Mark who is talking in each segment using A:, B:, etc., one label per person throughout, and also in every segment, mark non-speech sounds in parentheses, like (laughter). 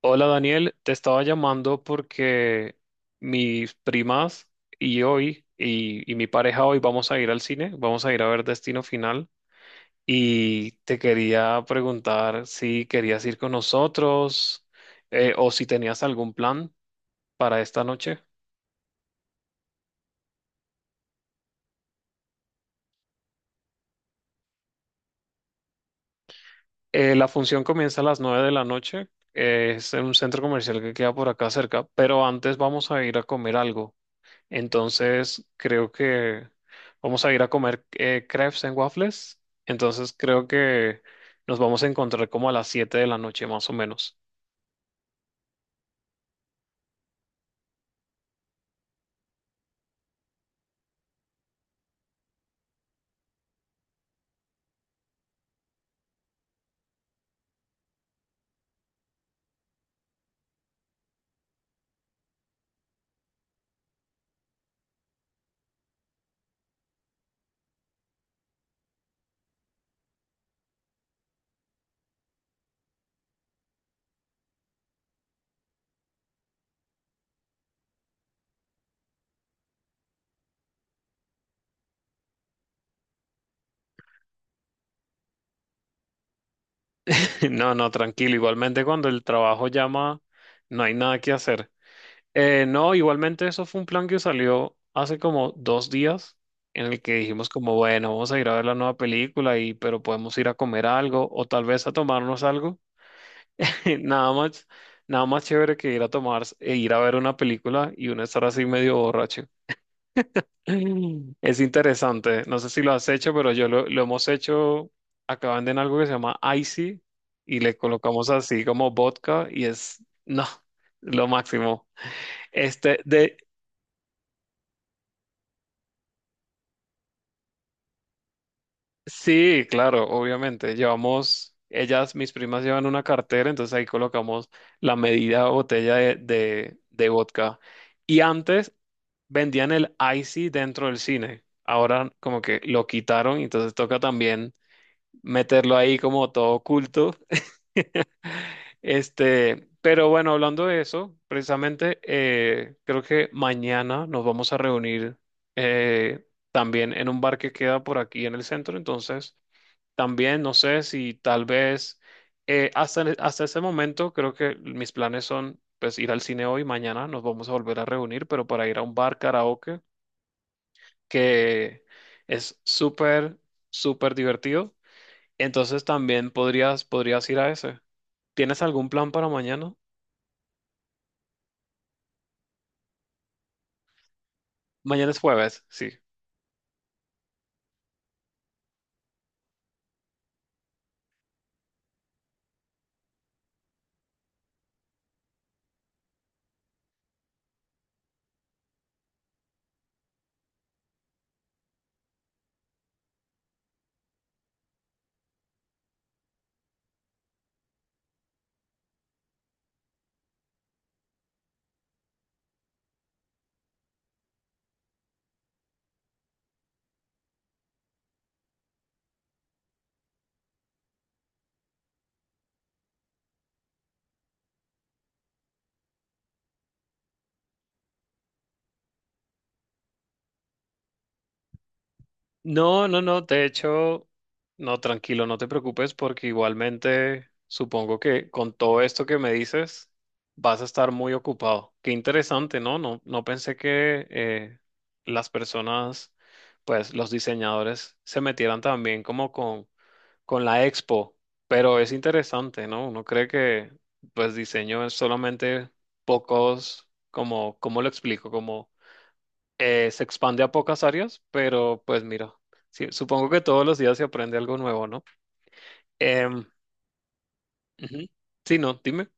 A: Hola Daniel, te estaba llamando porque mis primas y mi pareja hoy vamos a ir al cine, vamos a ir a ver Destino Final y te quería preguntar si querías ir con nosotros, o si tenías algún plan para esta noche. La función comienza a las 9 de la noche, es en un centro comercial que queda por acá cerca, pero antes vamos a ir a comer algo. Entonces, creo que vamos a ir a comer crepes en waffles. Entonces, creo que nos vamos a encontrar como a las 7 de la noche, más o menos. (laughs) No, no, tranquilo. Igualmente, cuando el trabajo llama, no hay nada que hacer. No, igualmente, eso fue un plan que salió hace como 2 días, en el que dijimos como, bueno, vamos a ir a ver la nueva película pero podemos ir a comer algo o tal vez a tomarnos algo. (laughs) Nada más, nada más chévere que ir a tomar e ir a ver una película y uno estar así medio borracho. (laughs) (clears throat) Es interesante. No sé si lo has hecho, pero yo lo hemos hecho. Acá venden algo que se llama Icy y le colocamos así como vodka y es, no, lo máximo. Este, de, sí, claro, obviamente. Llevamos, ellas, mis primas llevan una cartera, entonces ahí colocamos la medida botella de vodka. Y antes, vendían el icy dentro del cine. Ahora como que lo quitaron, entonces toca también meterlo ahí como todo oculto. (laughs) Pero bueno, hablando de eso, precisamente creo que mañana nos vamos a reunir eh, también en un bar que queda por aquí en el centro. Entonces, también no sé si tal vez, hasta ese momento creo que mis planes son pues ir al cine hoy, mañana nos vamos a volver a reunir, pero para ir a un bar karaoke que es súper, súper divertido. Entonces también podrías ir a ese. ¿Tienes algún plan para mañana? Mañana es jueves, sí. No, de hecho, no, tranquilo, no te preocupes porque igualmente supongo que con todo esto que me dices vas a estar muy ocupado. Qué interesante, ¿no? No, no pensé que las personas, pues los diseñadores se metieran también como con la Expo, pero es interesante, ¿no? Uno cree que pues diseño es solamente pocos, como, ¿cómo lo explico? Como se expande a pocas áreas, pero pues mira, sí, supongo que todos los días se aprende algo nuevo, ¿no? Em, ujú. Sí, no, dime.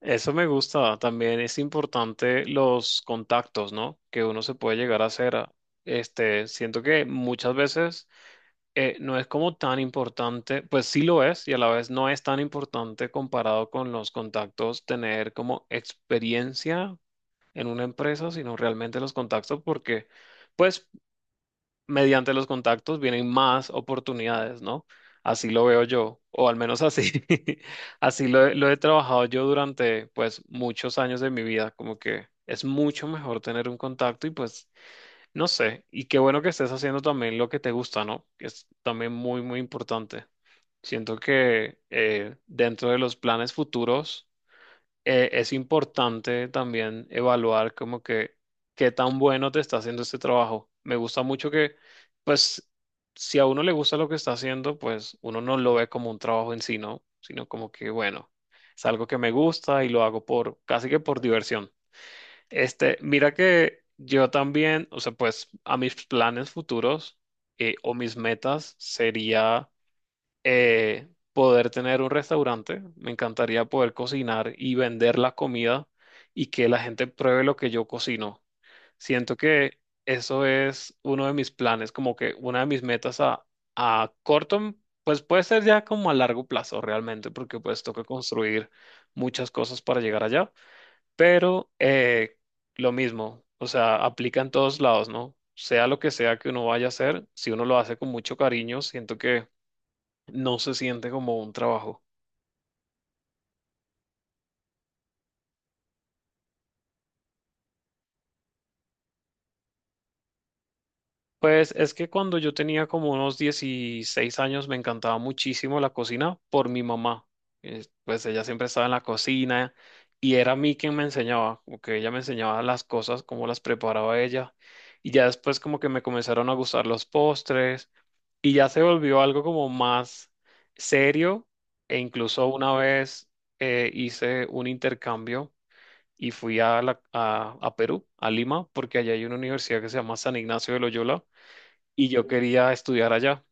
A: Eso me gusta. También es importante los contactos, ¿no? Que uno se puede llegar a hacer. Este, siento que muchas veces no es como tan importante, pues sí lo es y a la vez no es tan importante comparado con los contactos tener como experiencia en una empresa, sino realmente los contactos porque, pues mediante los contactos vienen más oportunidades, ¿no? Así lo veo yo, o al menos así, (laughs) así lo, lo he trabajado yo durante, pues, muchos años de mi vida, como que es mucho mejor tener un contacto y pues, no sé, y qué bueno que estés haciendo también lo que te gusta, ¿no? Que es también muy, muy importante. Siento que dentro de los planes futuros es importante también evaluar como que qué tan bueno te está haciendo este trabajo. Me gusta mucho que, pues, si a uno le gusta lo que está haciendo, pues uno no lo ve como un trabajo en sí, ¿no? Sino como que, bueno, es algo que me gusta y lo hago por, casi que por diversión. Este, mira que yo también, o sea, pues a mis planes futuros, o mis metas sería poder tener un restaurante, me encantaría poder cocinar y vender la comida y que la gente pruebe lo que yo cocino. Siento que eso es uno de mis planes, como que una de mis metas a corto, pues puede ser ya como a largo plazo realmente, porque pues toca construir muchas cosas para llegar allá, pero lo mismo, o sea, aplica en todos lados, ¿no? Sea lo que sea que uno vaya a hacer, si uno lo hace con mucho cariño, siento que no se siente como un trabajo. Pues es que cuando yo tenía como unos 16 años me encantaba muchísimo la cocina por mi mamá. Pues ella siempre estaba en la cocina y era a mí quien me enseñaba, como que ella me enseñaba las cosas, cómo las preparaba ella. Y ya después como que me comenzaron a gustar los postres y ya se volvió algo como más serio e incluso una vez hice un intercambio y fui a, a Perú, a Lima, porque allá hay una universidad que se llama San Ignacio de Loyola y yo quería estudiar allá.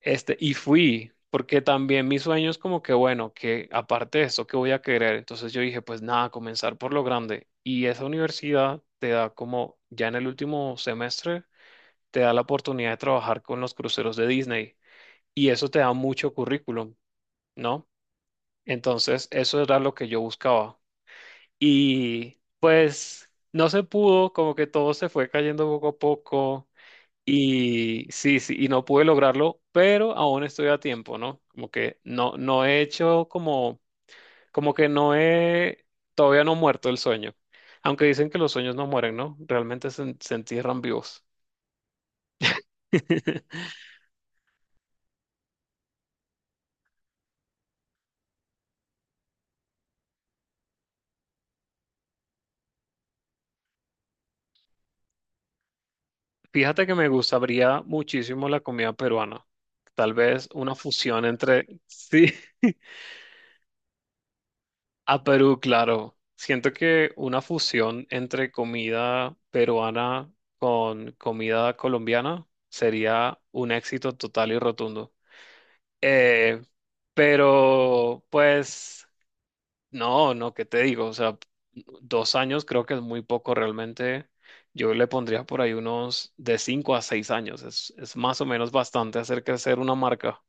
A: Este, y fui, porque también mi sueño es como que, bueno, que aparte de eso, ¿qué voy a querer? Entonces yo dije, pues nada, comenzar por lo grande. Y esa universidad te da como, ya en el último semestre, te da la oportunidad de trabajar con los cruceros de Disney y eso te da mucho currículum, ¿no? Entonces, eso era lo que yo buscaba. Y pues no se pudo, como que todo se fue cayendo poco a poco. Y sí, sí, y no pude lograrlo, pero aún estoy a tiempo, ¿no? Como que no, no he hecho como, como que todavía no he muerto el sueño. Aunque dicen que los sueños no mueren, ¿no? Realmente se entierran vivos. (laughs) Fíjate que me gustaría muchísimo la comida peruana. Tal vez una fusión entre... Sí. (laughs) A Perú, claro. Siento que una fusión entre comida peruana con comida colombiana sería un éxito total y rotundo. Eh, pero, no, ¿qué te digo? O sea, 2 años creo que es muy poco realmente. Yo le pondría por ahí unos de 5 a 6 años. Es más o menos bastante hacer crecer una marca.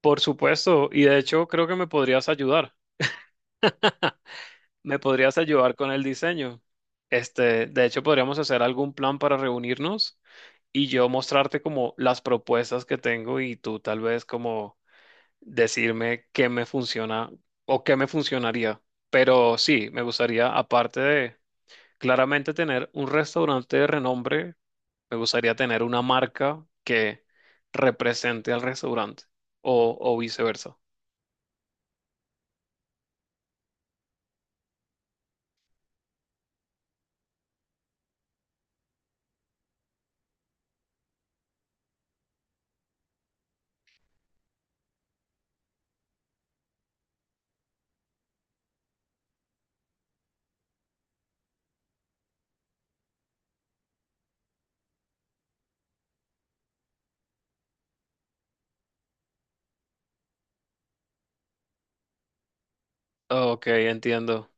A: Por supuesto, y de hecho creo que me podrías ayudar. ¿Me podrías ayudar con el diseño? Este, de hecho, podríamos hacer algún plan para reunirnos y yo mostrarte como las propuestas que tengo y tú tal vez como decirme qué me funciona o qué me funcionaría. Pero sí, me gustaría, aparte de claramente tener un restaurante de renombre, me gustaría tener una marca que represente al restaurante o viceversa. Ok, entiendo.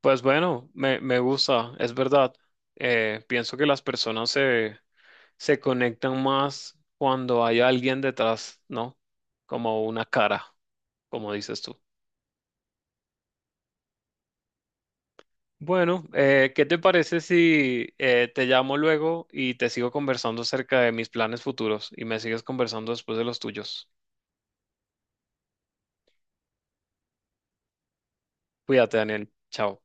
A: Pues bueno, me gusta, es verdad. Pienso que las personas se conectan más cuando hay alguien detrás, ¿no? Como una cara, como dices tú. Bueno, ¿qué te parece si te llamo luego y te sigo conversando acerca de mis planes futuros y me sigues conversando después de los tuyos? Cuídate, Daniel. Chao.